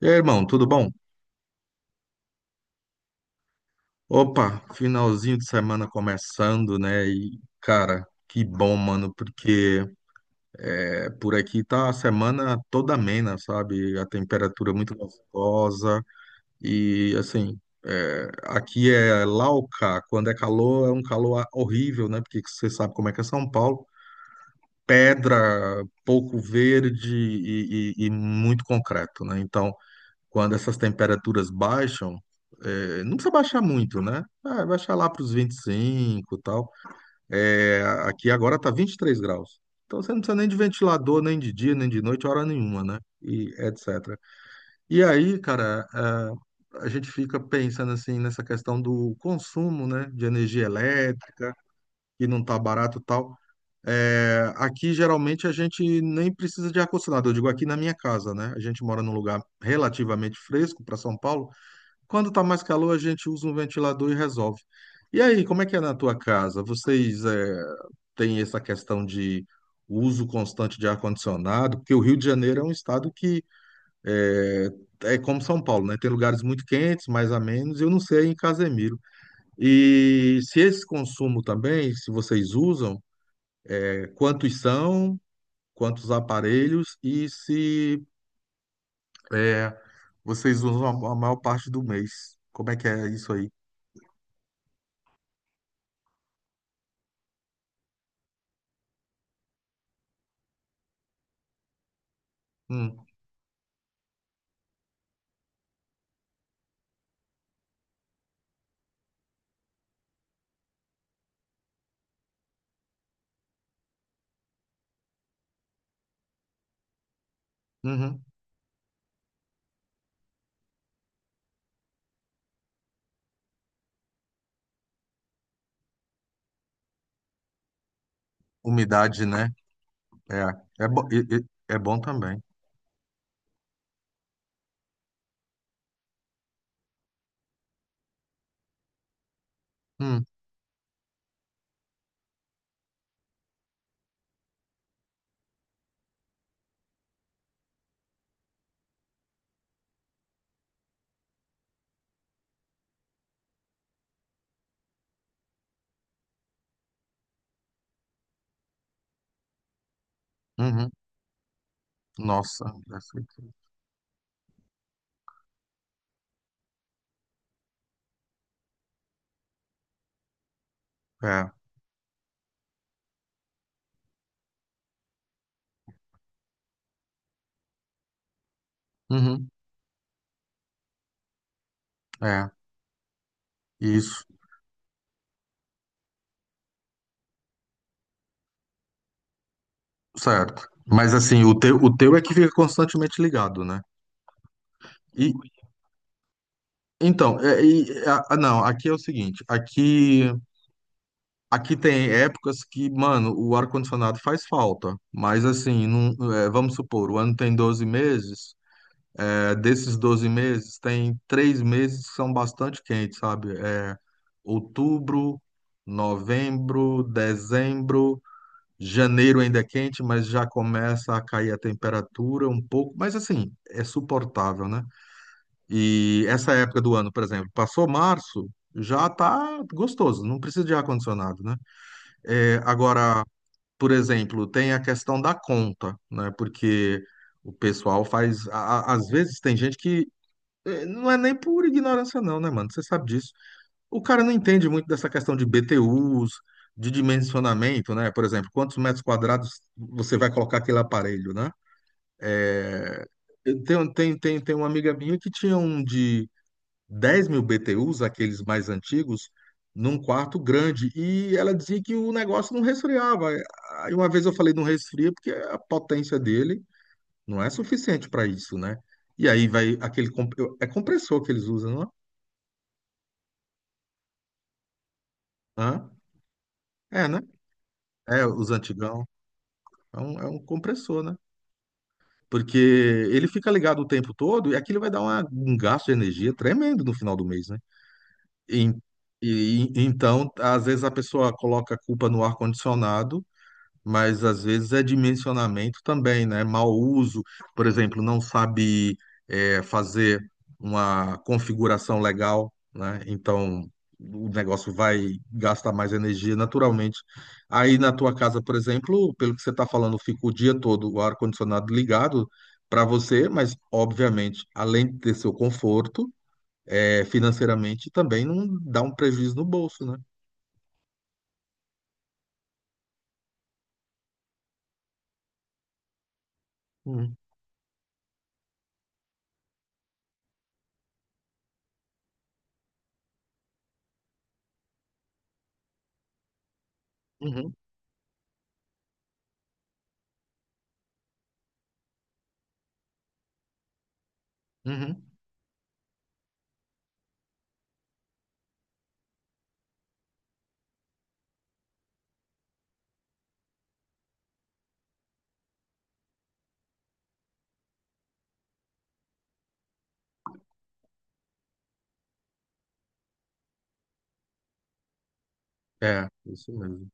E aí, irmão, tudo bom? Opa, finalzinho de semana começando, né? E, cara, que bom, mano, porque por aqui tá a semana toda amena, sabe? A temperatura muito gostosa e, assim, aqui é Lauca, quando é calor é um calor horrível, né? Porque você sabe como é que é São Paulo. Pedra, pouco verde e, e muito concreto, né? Então, quando essas temperaturas baixam, não precisa baixar muito, né? Ah, baixar lá para os 25 e cinco e tal. É, aqui agora tá 23 graus. Então você não precisa nem de ventilador, nem de dia, nem de noite, hora nenhuma, né? E etc. E aí, cara, a gente fica pensando assim nessa questão do consumo, né? De energia elétrica, que não tá barato e tal. É, aqui geralmente a gente nem precisa de ar-condicionado. Eu digo aqui na minha casa, né? A gente mora num lugar relativamente fresco para São Paulo, quando tá mais calor, a gente usa um ventilador e resolve. E aí, como é que é na tua casa? Vocês têm essa questão de uso constante de ar-condicionado? Porque o Rio de Janeiro é um estado que eh, é, como São Paulo, né? Tem lugares muito quentes, mais a menos. Eu não sei em Casemiro. E se esse consumo também, se vocês usam, quantos são, quantos aparelhos e se eh, vocês usam a maior parte do mês? Como é que é isso aí? Hum, uhum. Umidade, né? É, é bom também. Hum, uhum. Nossa, deve ser. é, uhum, é, isso, certo. Mas assim, o teu é que fica constantemente ligado, né? E então, não, aqui é o seguinte, aqui tem épocas que, mano, o ar-condicionado faz falta, mas assim, não, é, vamos supor, o ano tem 12 meses. É, desses 12 meses, tem 3 meses que são bastante quentes, sabe? É outubro, novembro, dezembro, janeiro ainda é quente, mas já começa a cair a temperatura um pouco, mas assim, é suportável, né? E essa época do ano, por exemplo, passou março, já tá gostoso, não precisa de ar-condicionado, né? É, agora, por exemplo, tem a questão da conta, né? Porque o pessoal faz. Às vezes tem gente que não é nem por ignorância, não, né, mano? Você sabe disso. O cara não entende muito dessa questão de BTUs, de dimensionamento, né? Por exemplo, quantos metros quadrados você vai colocar aquele aparelho, né? É, Eu tenho- Tem, tem, tem, uma amiga minha que tinha um de 10.000 BTUs, aqueles mais antigos, num quarto grande. E ela dizia que o negócio não resfriava. Aí uma vez eu falei, não resfria porque a potência dele não é suficiente para isso, né? E aí vai aquele. É compressor que eles usam, não é? Hã? É, né? É, os antigão. É um compressor, né? Porque ele fica ligado o tempo todo e aquilo vai dar um gasto de energia tremendo no final do mês, né? E, então, às vezes a pessoa coloca a culpa no ar-condicionado, mas às vezes é dimensionamento também, né? Mau uso, por exemplo, não sabe fazer uma configuração legal, né? Então o negócio vai gastar mais energia naturalmente. Aí na tua casa, por exemplo, pelo que você está falando, fica o dia todo o ar-condicionado ligado para você, mas obviamente, além de ter seu conforto, financeiramente também não dá um prejuízo no bolso, né? Uhum, uhum, uhum. É, isso mesmo.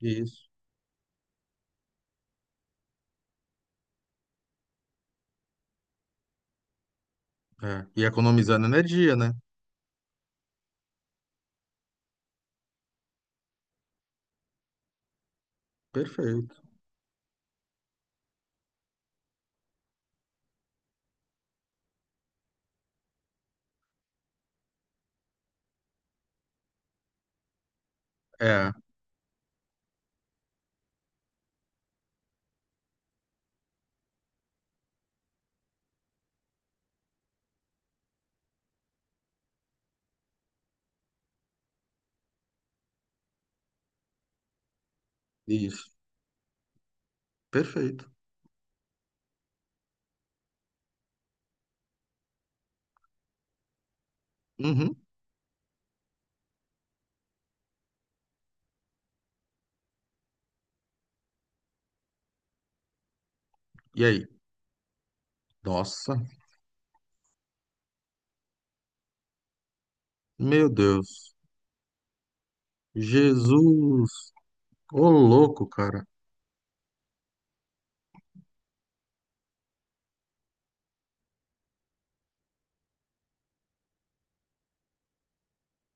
Isso. É, e economizando energia, né? Perfeito. É, isso. Perfeito. Uhum. E aí? Nossa, meu Deus. Jesus. Ô, louco, cara.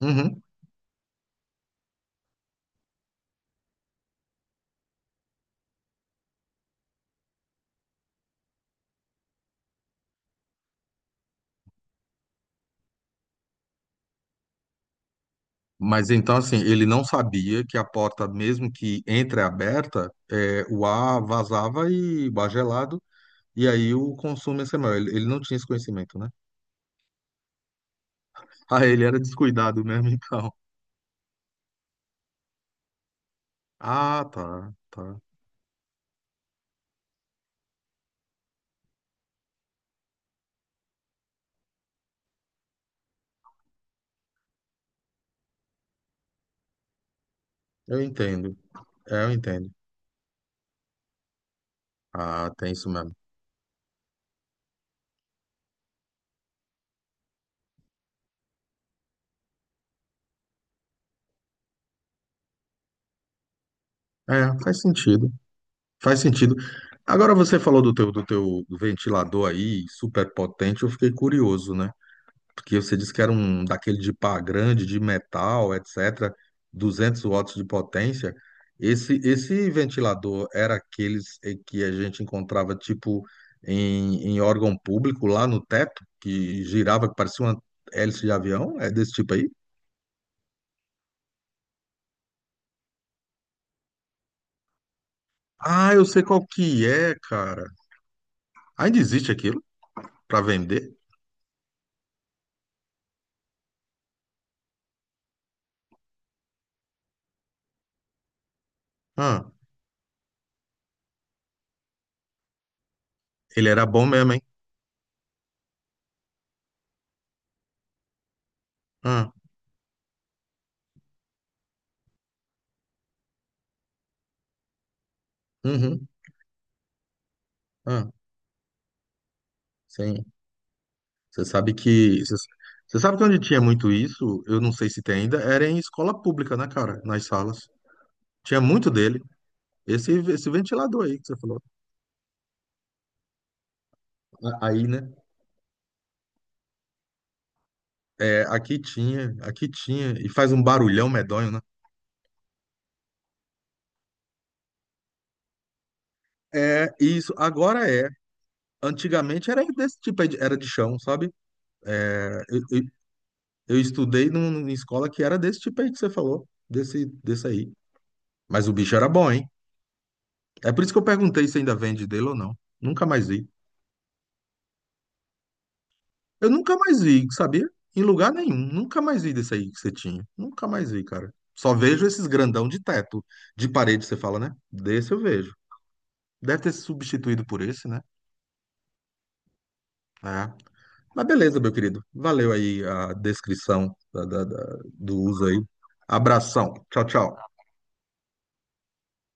Uhum. Mas então, assim, ele não sabia que a porta, mesmo que entreaberta, o ar vazava e o ar gelado, e aí o consumo ia ser maior. Ele não tinha esse conhecimento, né? Ah, ele era descuidado mesmo, então. Ah, tá, tá. Eu entendo. É, eu entendo. Ah, tem isso mesmo. É, faz sentido. Faz sentido. Agora você falou do teu, ventilador aí, super potente, eu fiquei curioso, né? Porque você disse que era um daquele de pá grande, de metal, etc., 200 watts de potência. Esse ventilador era aqueles que a gente encontrava, tipo, em órgão público, lá no teto, que girava, que parecia uma hélice de avião? É desse tipo aí? Ah, eu sei qual que é, cara. Ainda existe aquilo para vender? Ele era bom mesmo, hein? Ah, uhum, ah, sim. Você sabe que. Você você sabe que onde tinha muito isso, eu não sei se tem ainda, era em escola pública, né, cara? Nas salas. Tinha muito dele. Esse ventilador aí que você falou. Aí, né? É, aqui tinha, aqui tinha. E faz um barulhão medonho, né? É, isso. Agora é. Antigamente era desse tipo aí, era de chão, sabe? Eu, eu, eu estudei numa escola que era desse tipo aí que você falou. Desse aí. Mas o bicho era bom, hein? É por isso que eu perguntei se ainda vende dele ou não. Nunca mais vi. Eu nunca mais vi, sabia? Em lugar nenhum. Nunca mais vi desse aí que você tinha. Nunca mais vi, cara. Só vejo esses grandão de teto, de parede, você fala, né? Desse eu vejo. Deve ter se substituído por esse, né? É. Mas beleza, meu querido. Valeu aí a descrição do uso aí. Abração. Tchau, tchau.